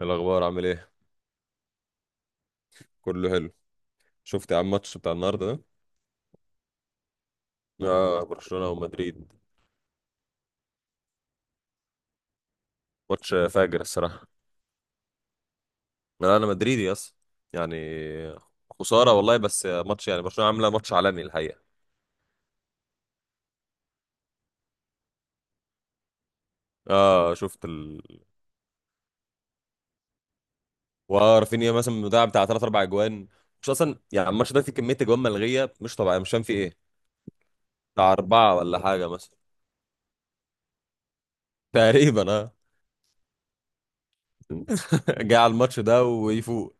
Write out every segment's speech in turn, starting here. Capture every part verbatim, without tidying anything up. الأخبار عامل إيه؟ كله حلو. شفت يا عم الماتش بتاع النهاردة ده؟ آه، برشلونة ومدريد. ماتش فاجر الصراحة. أنا أنا مدريدي أصلا، يعني خسارة والله، بس ماتش يعني برشلونة عاملة ماتش عالمي الحقيقة. آه شفت ال ورافينيا مثلا مضيع بتاع تلات أربع أجوان. مش أصلا، يعني الماتش ده فيه كمية أجوان ملغية مش طبيعية، مش فاهم فيه إيه. بتاع أربعة ولا حاجة مثلا. تقريبا آه. جه على الماتش ده ويفوق.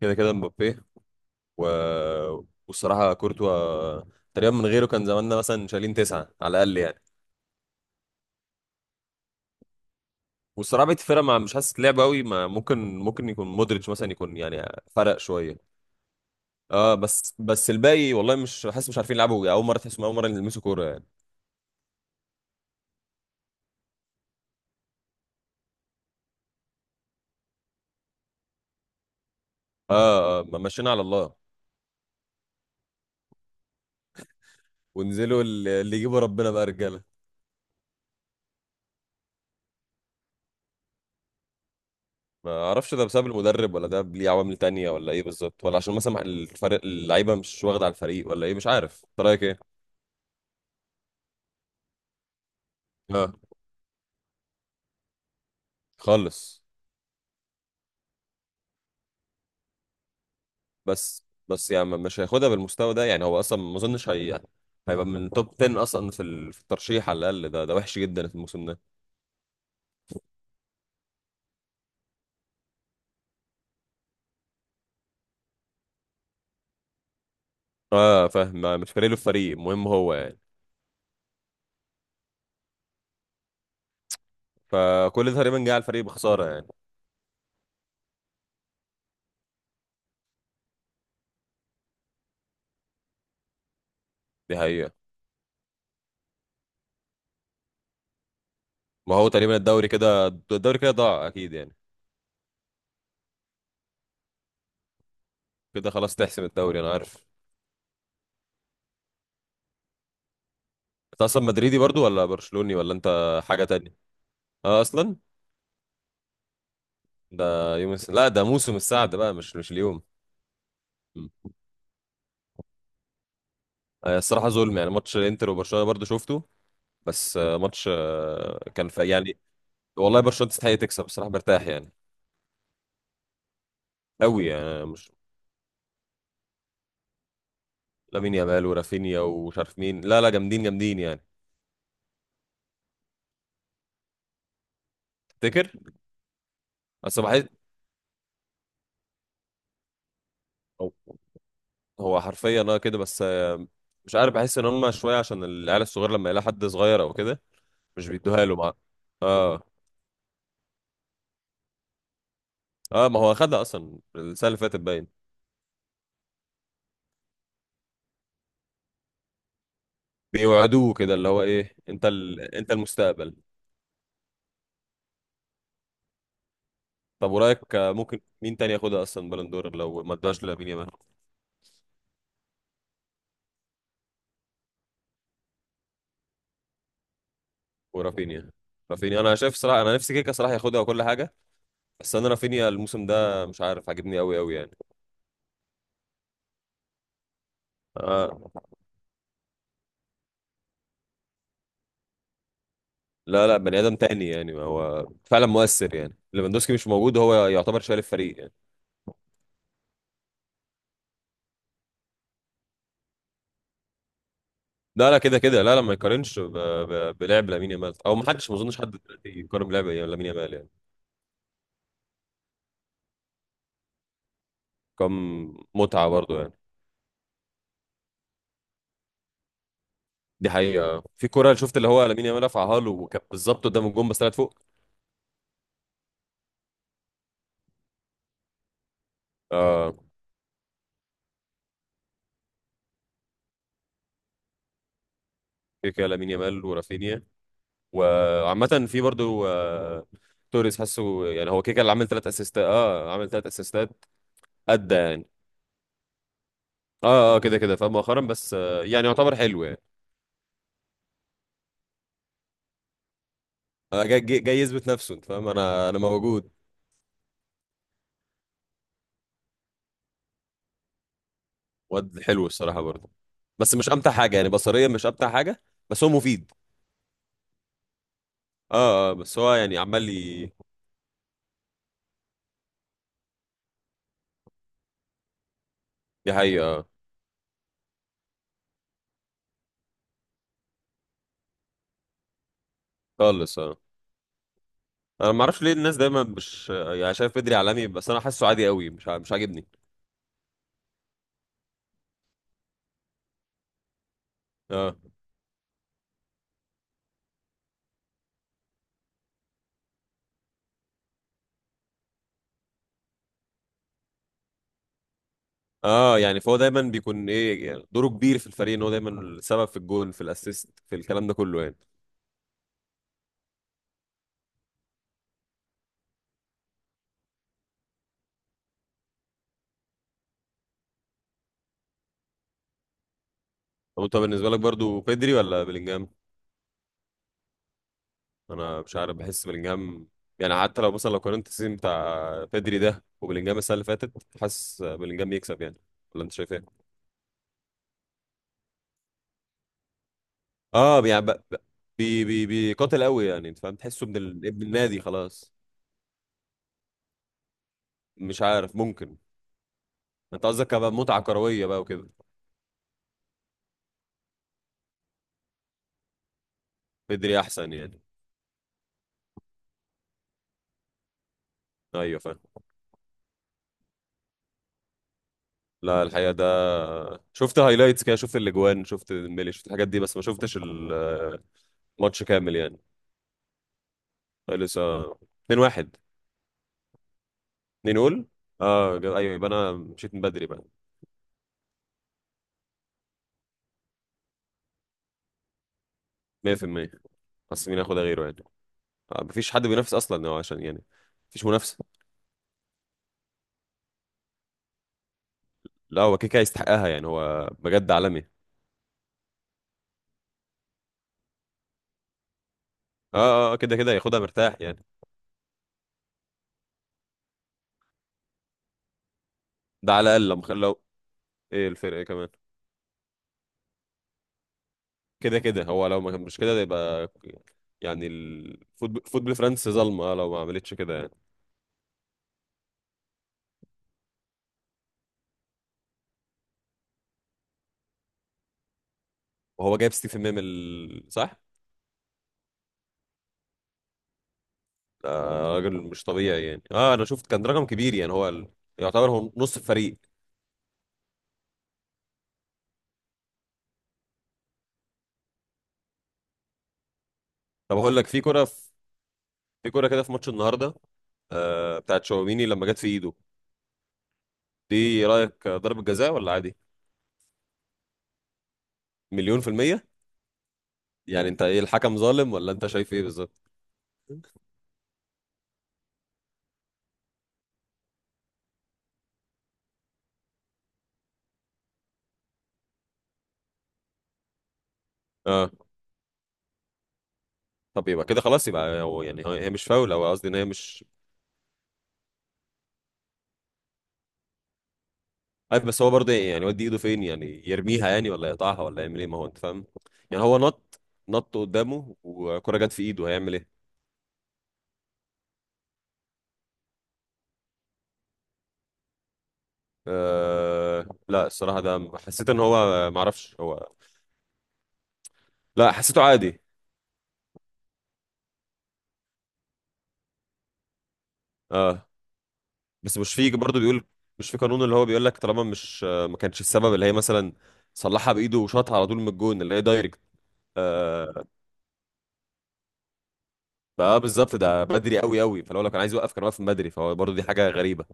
كده كده مبابي و... والصراحه كورتوا. تقريبا من غيره كان زماننا مثلا شايلين تسعه على الاقل يعني. والصراحه بقيه الفرقه ما مش حاسس لعب قوي، ما ممكن ممكن يكون مودريتش مثلا، يكون يعني فرق شويه. اه، بس بس الباقي والله مش حاسس، مش عارفين يلعبوا، اول مره تحسهم اول مره يلمسوا كوره يعني. اه اه، ما مشينا على الله. وانزلوا ال- اللي يجيبوا ربنا بقى رجاله. ما اعرفش ده بسبب المدرب، ولا ده ليه عوامل تانية، ولا ايه بالظبط، ولا عشان مثلا الفريق اللعيبه مش واخده على الفريق، ولا ايه، مش عارف انت رايك ايه. اه خالص. بس بس يعني مش هياخدها بالمستوى ده، يعني هو اصلا ما اظنش هي هيبقى من توب تن اصلا في ال- في الترشيح على الاقل، ده ده وحش جدا في الموسم ده. اه فاهم، ما- مش فارق له الفريق، المهم هو يعني. فكل ده تقريبا جه على الفريق بخساره يعني. دي حقيقه. ما هو تقريبا الدوري كده، الدوري كده ضاع اكيد يعني. كده خلاص تحسم الدوري، انا عارف. انت اصلا مدريدي برضو ولا برشلوني، ولا انت حاجه تانية؟ اه اصلا. ده يوم الس... لا، ده موسم السعد بقى، مش مش اليوم. م. آه، الصراحه ظلم، يعني ماتش الانتر وبرشلونه برضو شفته. بس آه، ماتش آه، كان في يعني. والله برشلونة تستحق تكسب، بصراحة مرتاح يعني. قوي يعني مش. لامين يامال ورافينيا ومش عارف مين، لا لا جامدين جامدين يعني. تفتكر؟ بس بحس. هو هو حرفيا اه كده بس آه، مش عارف، بحس ان هم شوية عشان العيال الصغير لما يلاقي حد صغير او كده. مش بيدوها له مع. اه اه. ما هو خدها اصلا السنة اللي فاتت باين. بيوعدوه كده اللي هو ايه، انت ال... انت المستقبل. طب ورايك آه، ممكن مين تاني ياخدها اصلا بلندور، لو ما ادوهاش لامين يامال؟ ورافينيا. رافينيا انا شايف صراحه، انا نفسي كيكا صراحه ياخدها وكل حاجه. بس انا رافينيا الموسم ده مش عارف، عاجبني قوي قوي يعني. آه. لا لا، بني ادم تاني يعني، هو فعلا مؤثر يعني، ليفاندوسكي مش موجود هو يعتبر شايل الفريق يعني. لا لا كده كده لا لا ما يقارنش ب- ب- بلعب لامين يامال، او ما حدش، ما اظنش حد دلوقتي يقارن بلعب لامين يامال يعني. كم. متعه برضه يعني. دي حقيقه، في كوره شفت اللي هو لامين يامال رفعها له، وكانت بالظبط قدام الجون بس طلعت فوق. اه، كيكا لامين يامال ورافينيا. وعامة في برضو آه، توريس، حاسه يعني هو كده كده اللي عامل ثلاث اسيستات، اه عامل ثلاث اسيستات. ادى يعني. اه اه كده كده فاهم مؤخرا، بس آه، يعني يعتبر حلو يعني. آه، جاي جاي جاي يثبت نفسه، انت فاهم، انا انا موجود. واد حلو الصراحة برضو. بس مش امتع حاجة يعني، بصريا مش امتع حاجة. بس هو مفيد. اه اه بس هو يعني عمال لي. دي حقيقة آه، خالص اه. انا ما اعرفش ليه الناس دايما مش يعني شايف بدري عالمي، بس انا حاسه عادي قوي، مش ع- مش عاجبني. اه اه يعني فهو دايما بيكون ايه، يعني دوره كبير في الفريق، ان هو دايما السبب في الجون في الاسيست في الكلام ده كله يعني. طب انت بالنسبه لك برضو بيدري ولا بلينجهام؟ انا مش عارف، بحس بلينجهام. يعني حتى لو مثلا، لو قارنت السيزون بتاع بيدري ده وبلينجهام السنه اللي فاتت، حاسس بلينجهام يكسب يعني. ولا انت شايف ايه؟ اه يعني ب- ب- بي بي بيقاتل قوي يعني، انت فاهم، تحسه ابن ال- ابن النادي خلاص. مش عارف، ممكن. انت قصدك كمتعه كرويه بقى وكده؟ بيدري احسن يعني. ايوه فاهم. لا الحقيقة ده، شفت هايلايتس كده، شفت الاجوان، شفت الميلي، شفت الحاجات دي، بس ما شفتش الماتش كامل يعني. لسه اتنين واحد. اتنين جول. اه جا- ايوه، يبقى انا مشيت من بدري بقى. مية في المية. بس مين ياخدها غيره يعني؟ آه، مفيش حد بينافس اصلا هو عشان يعني. مفيش منافسة. لا هو كيكا يستحقها، يعني هو بجد عالمي. اه اه آه، كده كده ياخدها مرتاح يعني. ده على الاقل، لو مخ- لو. ايه الفرق كمان. كده كده هو، لو ما كان مش كده ده يبقى، يعني الفوتبول فوتبول فرنسا ظلمة، آه، لو ما عملتش كده يعني. وهو جايب ستيفن ميمل، صح؟ آه راجل مش طبيعي يعني، اه انا شفت كان رقم كبير، يعني هو ال... يعتبر هو نص الفريق. طب اقول لك، في كرة في, في كرة كده في ماتش النهارده. آه بتاعت شاوميني لما جت في ايده. دي رأيك ضربة جزاء ولا عادي؟ مليون في المية. يعني انت ايه، الحكم ظالم ولا انت شايف ايه بالظبط؟ اه. طب يبقى كده خلاص، يبقى هو يعني هي مش فاول، او قصدي ان هي مش. عارف بس هو برضه، يعني يودي ايده فين يعني، يرميها يعني، ولا يقطعها، ولا يعمل ايه، ما هو انت فاهم. يعني هو نط، نط قدامه وكرة جت في ايده، هيعمل ايه؟ أه لا، الصراحة ده حسيت ان هو معرفش هو. لا حسيته عادي. اه بس مش في برضه بيقول. مش في قانون اللي هو بيقول لك طالما مش آه، ما كانش السبب اللي هي مثلا صلحها بايده وشاطها على طول من الجون اللي هي دايركت. آه بقى بالظبط، ده بدري قوي قوي، فلو لو كان عايز يوقف كان واقف من بدري، فهو برضه دي حاجة غريبة.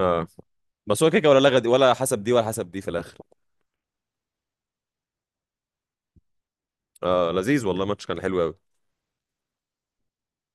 اه بس هو كده كده، ولا لغة دي ولا حسب دي، ولا حسب دي في الاخر. اه لذيذ والله، ماتش كان حلو قوي